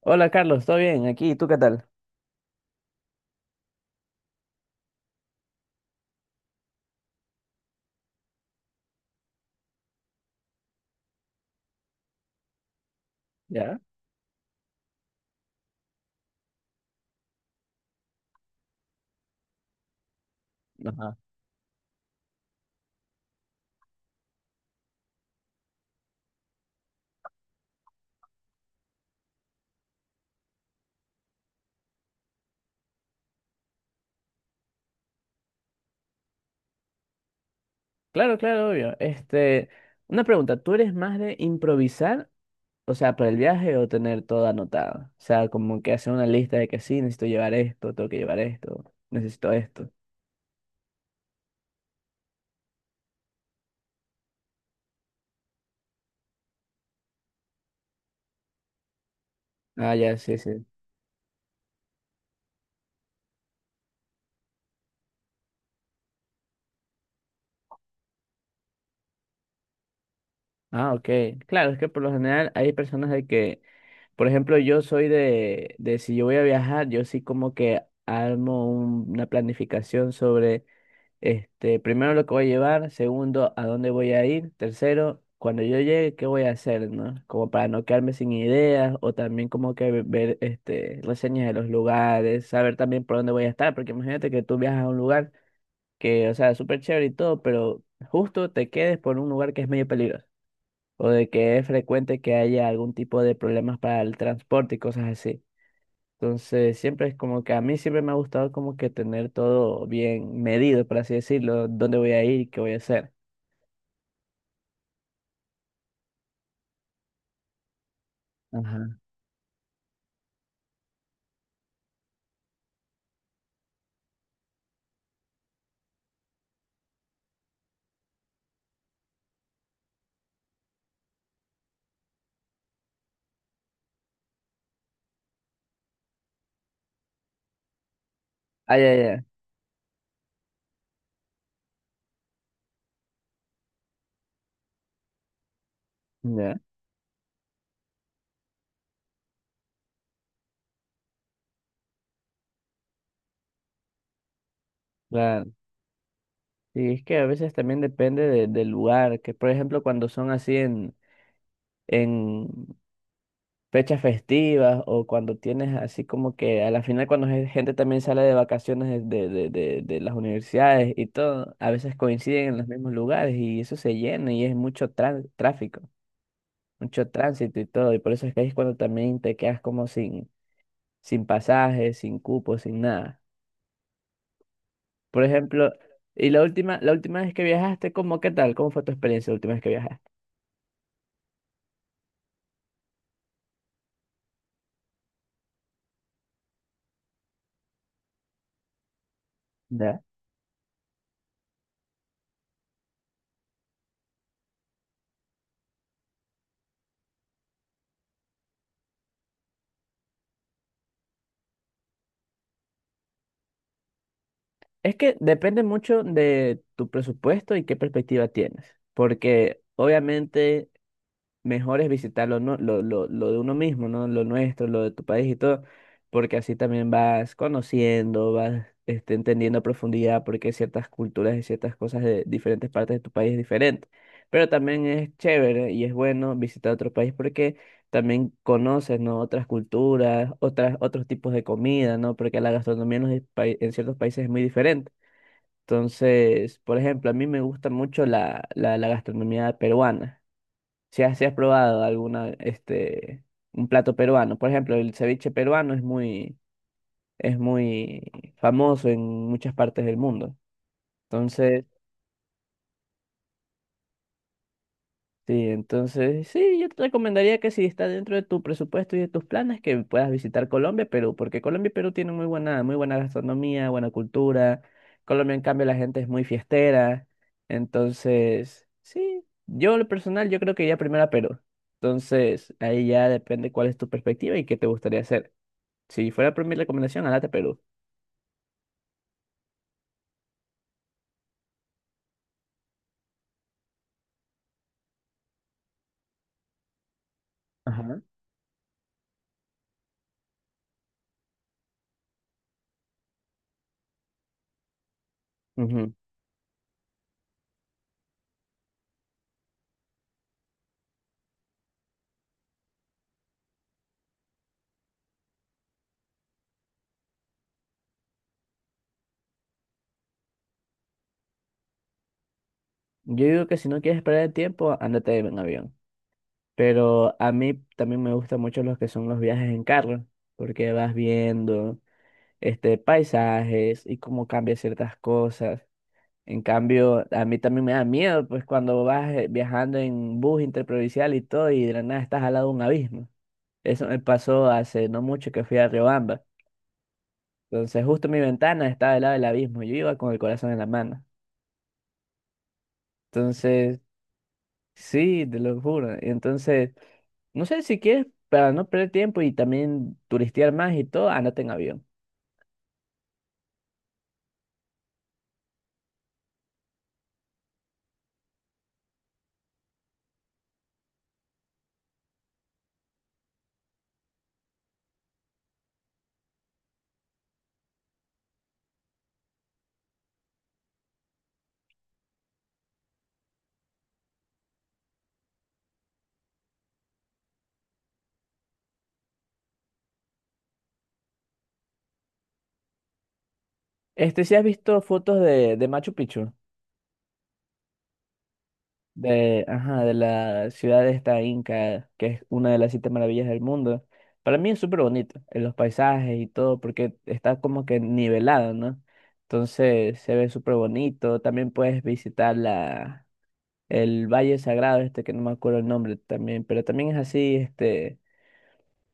Hola Carlos, ¿todo bien? Aquí, ¿tú qué tal? ¿Ya? Ajá. Claro, claro, obvio. Una pregunta, ¿tú eres más de improvisar, o sea, para el viaje o tener todo anotado? O sea, como que hacer una lista de que sí, necesito llevar esto, tengo que llevar esto, necesito esto. Ah, ya, sí, sí. Ah, ok. Claro, es que por lo general hay personas de que, por ejemplo, yo soy de si yo voy a viajar, yo sí como que armo una planificación sobre. Primero lo que voy a llevar, segundo, a dónde voy a ir, tercero, cuando yo llegue, qué voy a hacer, ¿no? Como para no quedarme sin ideas o también como que ver reseñas de los lugares, saber también por dónde voy a estar, porque imagínate que tú viajas a un lugar que, o sea, es súper chévere y todo, pero justo te quedes por un lugar que es medio peligroso o de que es frecuente que haya algún tipo de problemas para el transporte y cosas así. Entonces, siempre es como que a mí siempre me ha gustado como que tener todo bien medido, por así decirlo, dónde voy a ir qué voy a hacer. Ajá. Ah, ya, ya, ya, claro. Y es que a veces también depende del lugar, que por ejemplo cuando son así en fechas festivas o cuando tienes así como que a la final cuando gente también sale de vacaciones de las universidades y todo, a veces coinciden en los mismos lugares y eso se llena y es mucho tráfico. Mucho tránsito y todo, y por eso es que ahí es cuando también te quedas como sin, sin pasajes, sin cupos, sin nada. Por ejemplo, y la última vez que viajaste, ¿cómo qué tal? ¿Cómo fue tu experiencia la última vez que viajaste? Ya. Es que depende mucho de tu presupuesto y qué perspectiva tienes, porque obviamente mejor es visitar lo de uno mismo, ¿no? Lo nuestro, lo de tu país y todo, porque así también vas conociendo, vas entendiendo a profundidad por qué ciertas culturas y ciertas cosas de diferentes partes de tu país es diferente. Pero también es chévere y es bueno visitar otro país porque también conoces, ¿no? Otras culturas, otras, otros tipos de comida, ¿no? Porque la gastronomía en, en ciertos países es muy diferente. Entonces, por ejemplo, a mí me gusta mucho la gastronomía peruana. Si has probado alguna, un plato peruano. Por ejemplo, el ceviche peruano es muy famoso en muchas partes del mundo. entonces Sí, entonces sí, yo te recomendaría que si está dentro de tu presupuesto y de tus planes, que puedas visitar Colombia, Perú, porque Colombia y Perú tienen muy buena gastronomía, buena cultura. Colombia, en cambio, la gente es muy fiestera. Entonces, sí, yo en lo personal, yo creo que iría primero a Perú. Entonces, ahí ya depende cuál es tu perspectiva y qué te gustaría hacer. Si fuera por mi recomendación, ándate a Perú. Ajá. Ujú. Yo digo que si no quieres perder el tiempo, ándate en avión. Pero a mí también me gustan mucho los que son los viajes en carro, porque vas viendo paisajes y cómo cambia ciertas cosas. En cambio, a mí también me da miedo, pues cuando vas viajando en bus interprovincial y todo, y de la nada estás al lado de un abismo. Eso me pasó hace no mucho que fui a Riobamba. Entonces, justo mi ventana estaba al lado del abismo. Yo iba con el corazón en la mano. Entonces, sí, te lo juro. Entonces. No sé si quieres, para no perder tiempo y también turistear más y todo, andate en avión. ¿Si has visto fotos de Machu Picchu? De, ajá, de la ciudad de esta Inca, que es una de las siete maravillas del mundo. Para mí es súper bonito, en los paisajes y todo, porque está como que nivelado, ¿no? Entonces se ve súper bonito. También puedes visitar el Valle Sagrado, que no me acuerdo el nombre también, pero también es así,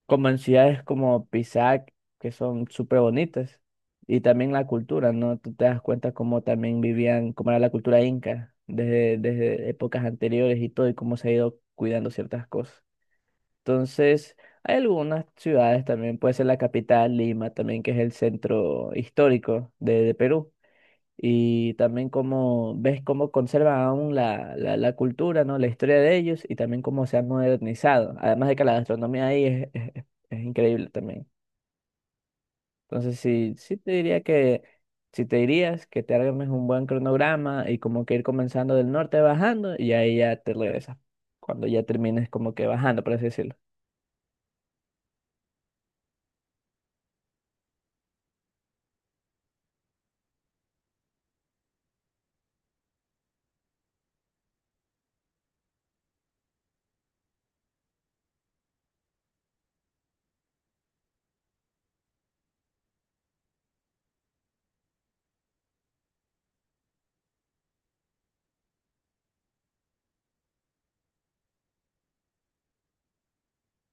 como en ciudades como Pisac, que son súper bonitas, y también la cultura, ¿no? Tú te das cuenta cómo también vivían, cómo era la cultura inca desde épocas anteriores y todo, y cómo se ha ido cuidando ciertas cosas. Entonces, hay algunas ciudades también, puede ser la capital, Lima, también, que es el centro histórico de Perú y también cómo ves cómo conservan aún la cultura, ¿no? La historia de ellos y también cómo se han modernizado. Además de que la gastronomía ahí es increíble también. Entonces, sí, sí te diría que, si te dirías que te armes un buen cronograma y como que ir comenzando del norte bajando y ahí ya te regresas, cuando ya termines como que bajando, por así decirlo.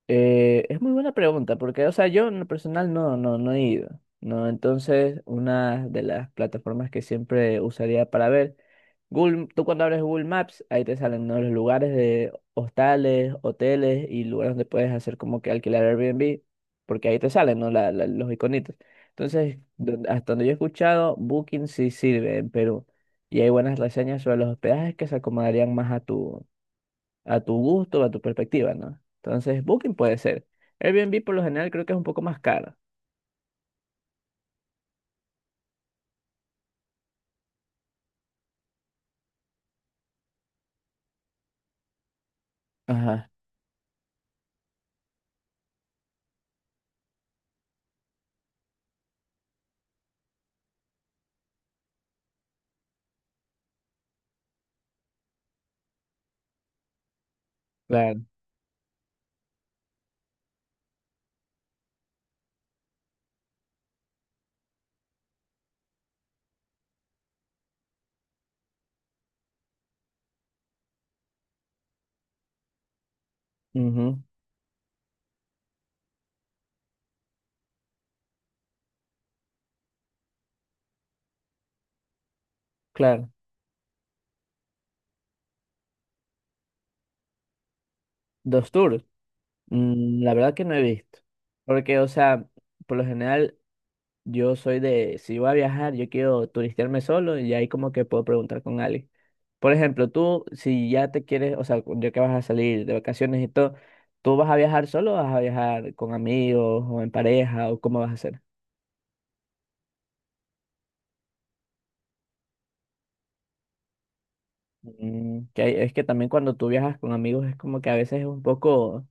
Es muy buena pregunta, porque, o sea, yo en lo personal no he ido, ¿no? Entonces, una de las plataformas que siempre usaría para ver, Google, tú cuando abres Google Maps, ahí te salen, ¿no? Los lugares de hostales, hoteles y lugares donde puedes hacer como que alquilar Airbnb, porque ahí te salen, ¿no? Los iconitos. Entonces, hasta donde yo he escuchado, Booking sí sirve en Perú, y hay buenas reseñas sobre los hospedajes que se acomodarían más a tu gusto, a tu perspectiva, ¿no? Entonces, Booking puede ser. Airbnb por lo general creo que es un poco más caro. Ajá, claro. Ujú, claro. Dos tours. La verdad que no he visto. Porque, o sea, por lo general yo soy de, si voy a viajar, yo quiero turistearme solo y ahí como que puedo preguntar con alguien. Por ejemplo, tú, si ya te quieres, o sea, ya que vas a salir de vacaciones y todo, ¿tú vas a viajar solo o vas a viajar con amigos o en pareja o cómo vas a hacer? Mm, es que también cuando tú viajas con amigos es como que a veces es un poco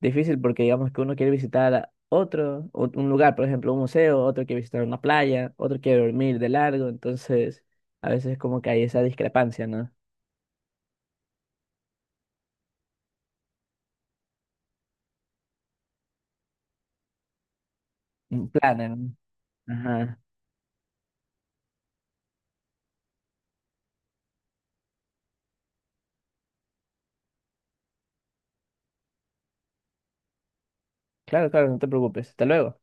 difícil porque digamos que uno quiere visitar a otro, un lugar, por ejemplo, un museo, otro quiere visitar una playa, otro quiere dormir de largo, entonces a veces es como que hay esa discrepancia, ¿no? Un plan, ¿no? Ajá. Claro, claro, no te preocupes. Hasta luego.